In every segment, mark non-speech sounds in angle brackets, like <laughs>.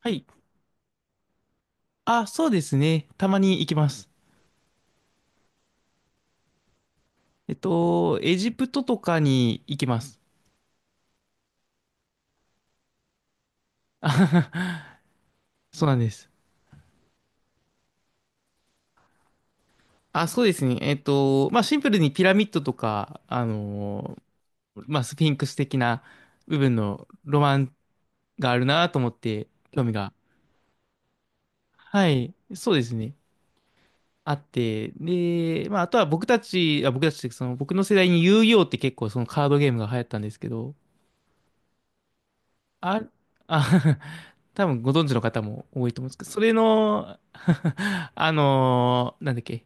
はい。あ、そうですね。たまに行きます。エジプトとかに行きます。<laughs> あはは、そうなんです。あ、そうですね。まあ、シンプルにピラミッドとか、まあ、スフィンクス的な部分のロマンがあるなと思って、興味が。はい。そうですね。あって。で、まあ、あとは僕たちって、その、僕の世代に遊戯王って結構そのカードゲームが流行ったんですけど、あ、あ、<laughs> 多分ご存知の方も多いと思うんですけど、それの、<laughs> なんだっけ、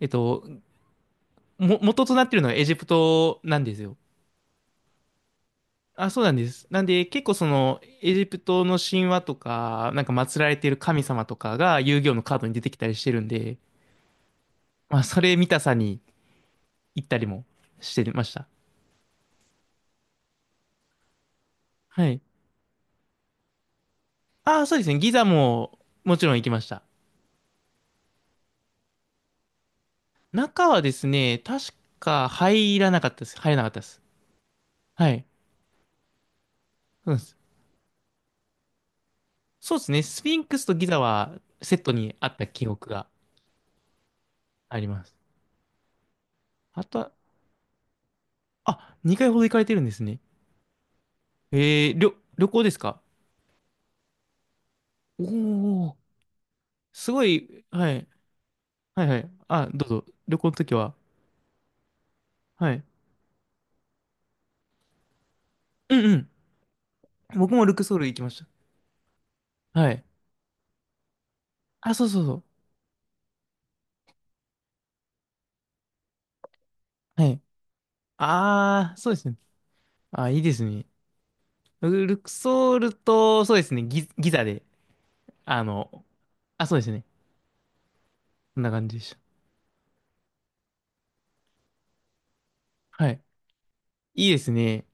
えっと、元となっているのはエジプトなんですよ。あ、そうなんです。なんで、結構その、エジプトの神話とか、なんか祀られている神様とかが遊戯王のカードに出てきたりしてるんで、まあ、それ見たさに行ったりもしてました。はい。ああ、そうですね。ギザも、もちろん行きました。中はですね、確か入らなかったです。入らなかったです。はい。そうです。そうですね。スフィンクスとギザはセットにあった記憶があります。あとは、あ、2回ほど行かれてるんですね。旅行ですか？おおー、すごい、はい、はいはい。あ、どうぞ。旅行の時は。はい。うんうん。僕もルクソール行きました。はい。あ、そうそうそう。はい。あー、そうですね。あ、いいですね。ルルクソールと、そうですね。ギザで、あの、あ、そうですね。こんな感じでした。はい。いいですね。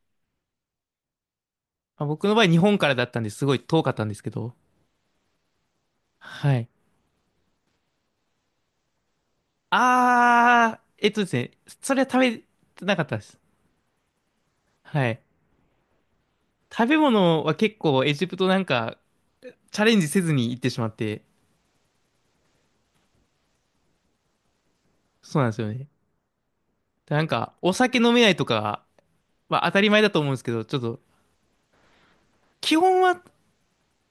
まあ、僕の場合、日本からだったんですごい遠かったんですけど。はい。あー、えっとですね、それは食べてなかったです。はい。食べ物は結構エジプトなんかチャレンジせずに行ってしまって、そうなんですよね。なんか、お酒飲めないとかは当たり前だと思うんですけど、ちょっと、基本は、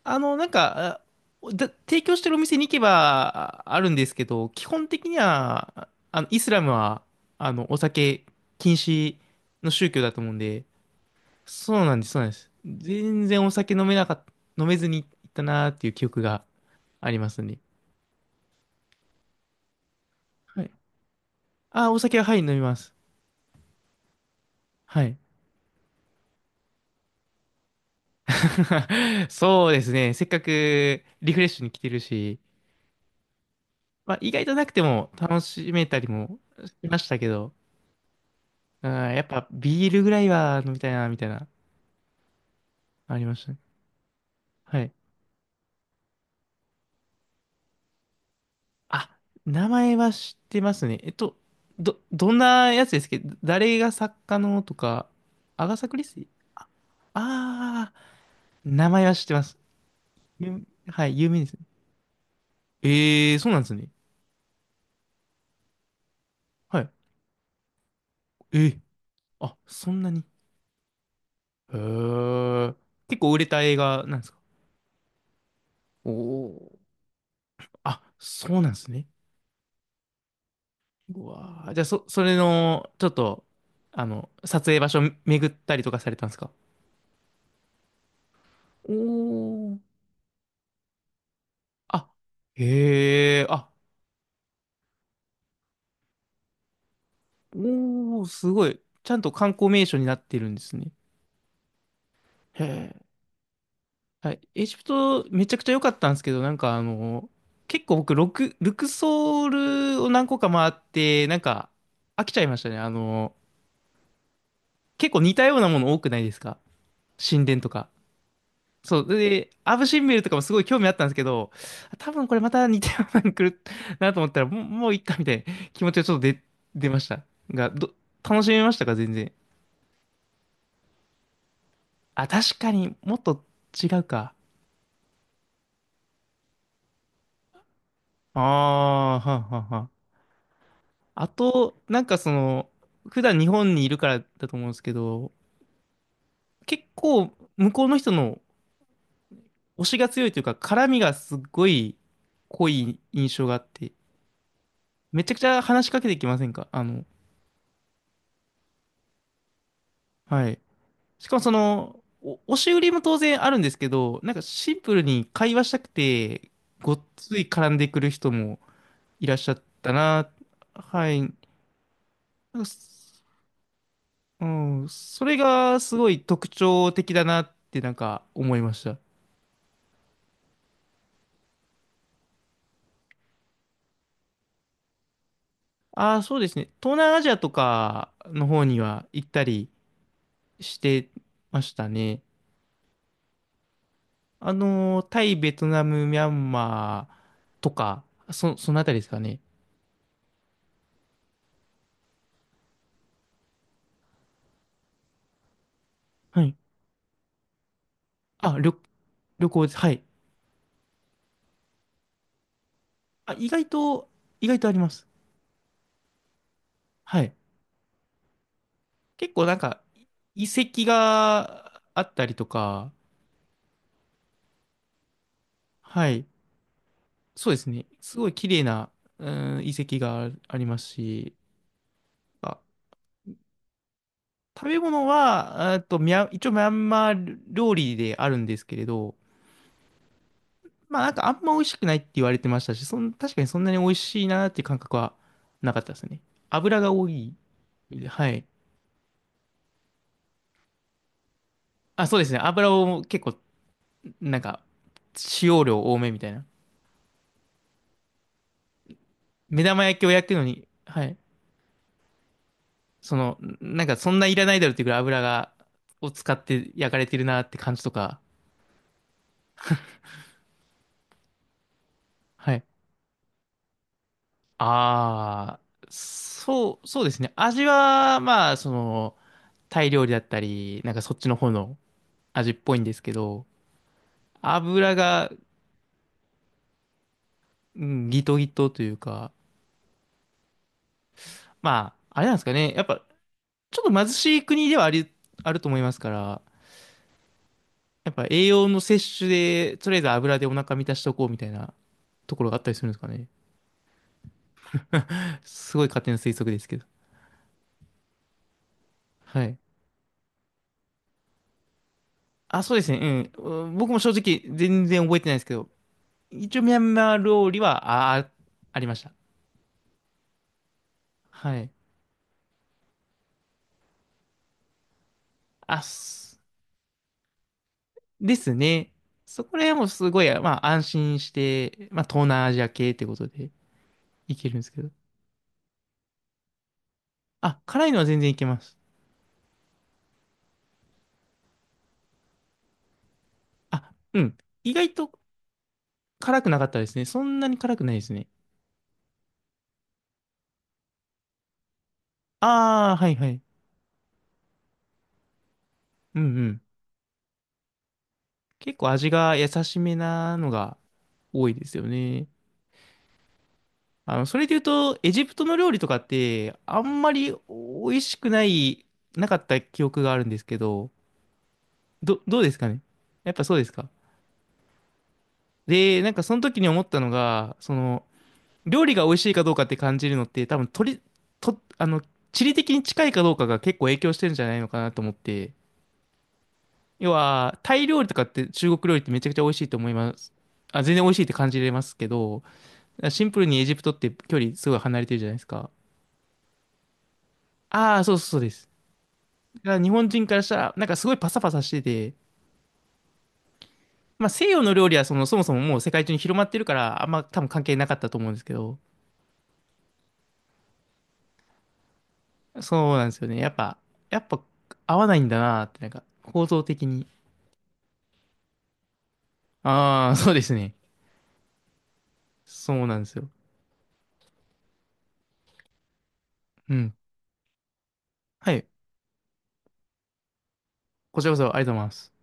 なんか、あだ提供してるお店に行けばああるんですけど、基本的には、イスラムは、お酒禁止の宗教だと思うんで、そうなんです、そうなんです。全然お酒飲めなかった、飲めずに行ったなーっていう記憶がありますね。はい。お酒は、はい、飲みます。はい。<laughs> そうですね。せっかくリフレッシュに来てるし、まあ、意外となくても楽しめたりもしましたけど、うん、やっぱビールぐらいは飲みたいな、みたいな、ありましたね。はい。あ、名前は知ってますね。どんなやつですけど、誰が作家のとか、アガサ・クリスティ。あ名前は知ってます。はい、有名ですね。ええー、そうなんですね。はい。えー、あ、そんなに。へえ。結構売れた映画なんですか？おおー。あ、そうなんですね。うわー、じゃあ、それの、ちょっと、撮影場所巡ったりとかされたんですか？おー、あ、へえ、あ、おー、すごい。ちゃんと観光名所になってるんですね。へえ。はい、エジプトめちゃくちゃ良かったんですけど、なんか、結構僕、ルクソールを何個か回って、なんか飽きちゃいましたね。結構似たようなもの多くないですか？神殿とか。そう。で、アブ・シンベルとかもすごい興味あったんですけど、多分これまた似たようなの来る <laughs> なと思ったら、もう、もういっかみたいな気持ちがちょっと出ました。が、ど、楽しめましたか全然？あ、確かにもっと違うか。ああ、はんはんはん。あと、なんか、普段日本にいるからだと思うんですけど、結構向こうの人の推しが強いというか、絡みがすっごい濃い印象があって、めちゃくちゃ話しかけてきませんか？はい。しかもその、お押し売りも当然あるんですけど、なんかシンプルに会話したくて、ごっつい絡んでくる人もいらっしゃったな。はい。なんかすうん、それがすごい特徴的だなってなんか思いました。ああ、そうですね。東南アジアとかの方には行ったりしてましたね。タイ、ベトナム、ミャンマーとか、そのあたりですかね。はい。あ、旅、旅行です。はい。あ、意外と、意外とあります。はい。結構なんか、遺跡があったりとか、はい。そうですね。すごい綺麗な、うん、遺跡があありますし、あ、食べ物は、えっと、ミャン、一応ミャンマー料理であるんですけれど、まあなんかあんま美味しくないって言われてましたし、確かにそんなに美味しいなっていう感覚はなかったですね。油が多い。はい。あ、そうですね。油を結構、なんか、使用量多めみたいな。目玉焼きを焼くのに、はい。その、なんかそんないらないだろうっていうぐらいを使って焼かれてるなって感じとか。はい。ああ、そうですね。味は、まあ、タイ料理だったり、なんかそっちの方の味っぽいんですけど、油が、うん、ギトギトというか、まあ、あれなんですかね。やっぱ、ちょっと貧しい国ではあると思いますから、やっぱ栄養の摂取で、とりあえず油でお腹満たしとこうみたいなところがあったりするんですかね。すごい勝手な推測ですけど。はい。あ、そうですね。うん。うん、僕も正直全然覚えてないですけど、一応ミャンマー料理は、あ、あありました。はい。あ、すですね。そこら辺もすごい、まあ安心して、まあ東南アジア系ってことでいけるんですけど。あ、辛いのは全然いけます。あ、うん。意外と辛くなかったですね。そんなに辛くないですね。ああ、はいはい。うんうん。結構味が優しめなのが多いですよね。それで言うと、エジプトの料理とかって、あんまり美味しくない、なかった記憶があるんですけど、どうですかね？やっぱそうですか？で、なんかその時に思ったのが、料理が美味しいかどうかって感じるのって多分取り、と、あの、地理的に近いかどうかが結構影響してるんじゃないのかなと思って。要は、タイ料理とかって中国料理ってめちゃくちゃ美味しいと思います。あ、全然美味しいって感じれますけど、シンプルにエジプトって距離すごい離れてるじゃないですか。ああ、そうそうそうです。だから日本人からしたら、なんかすごいパサパサしてて、まあ西洋の料理はその、そもそももう世界中に広まってるから、あんま多分関係なかったと思うんですけど、そうなんですよね。やっぱ合わないんだなって、なんか構造的に。ああ、そうですね。そうなんですよ。うん。はい。こちらこそありがとうございます。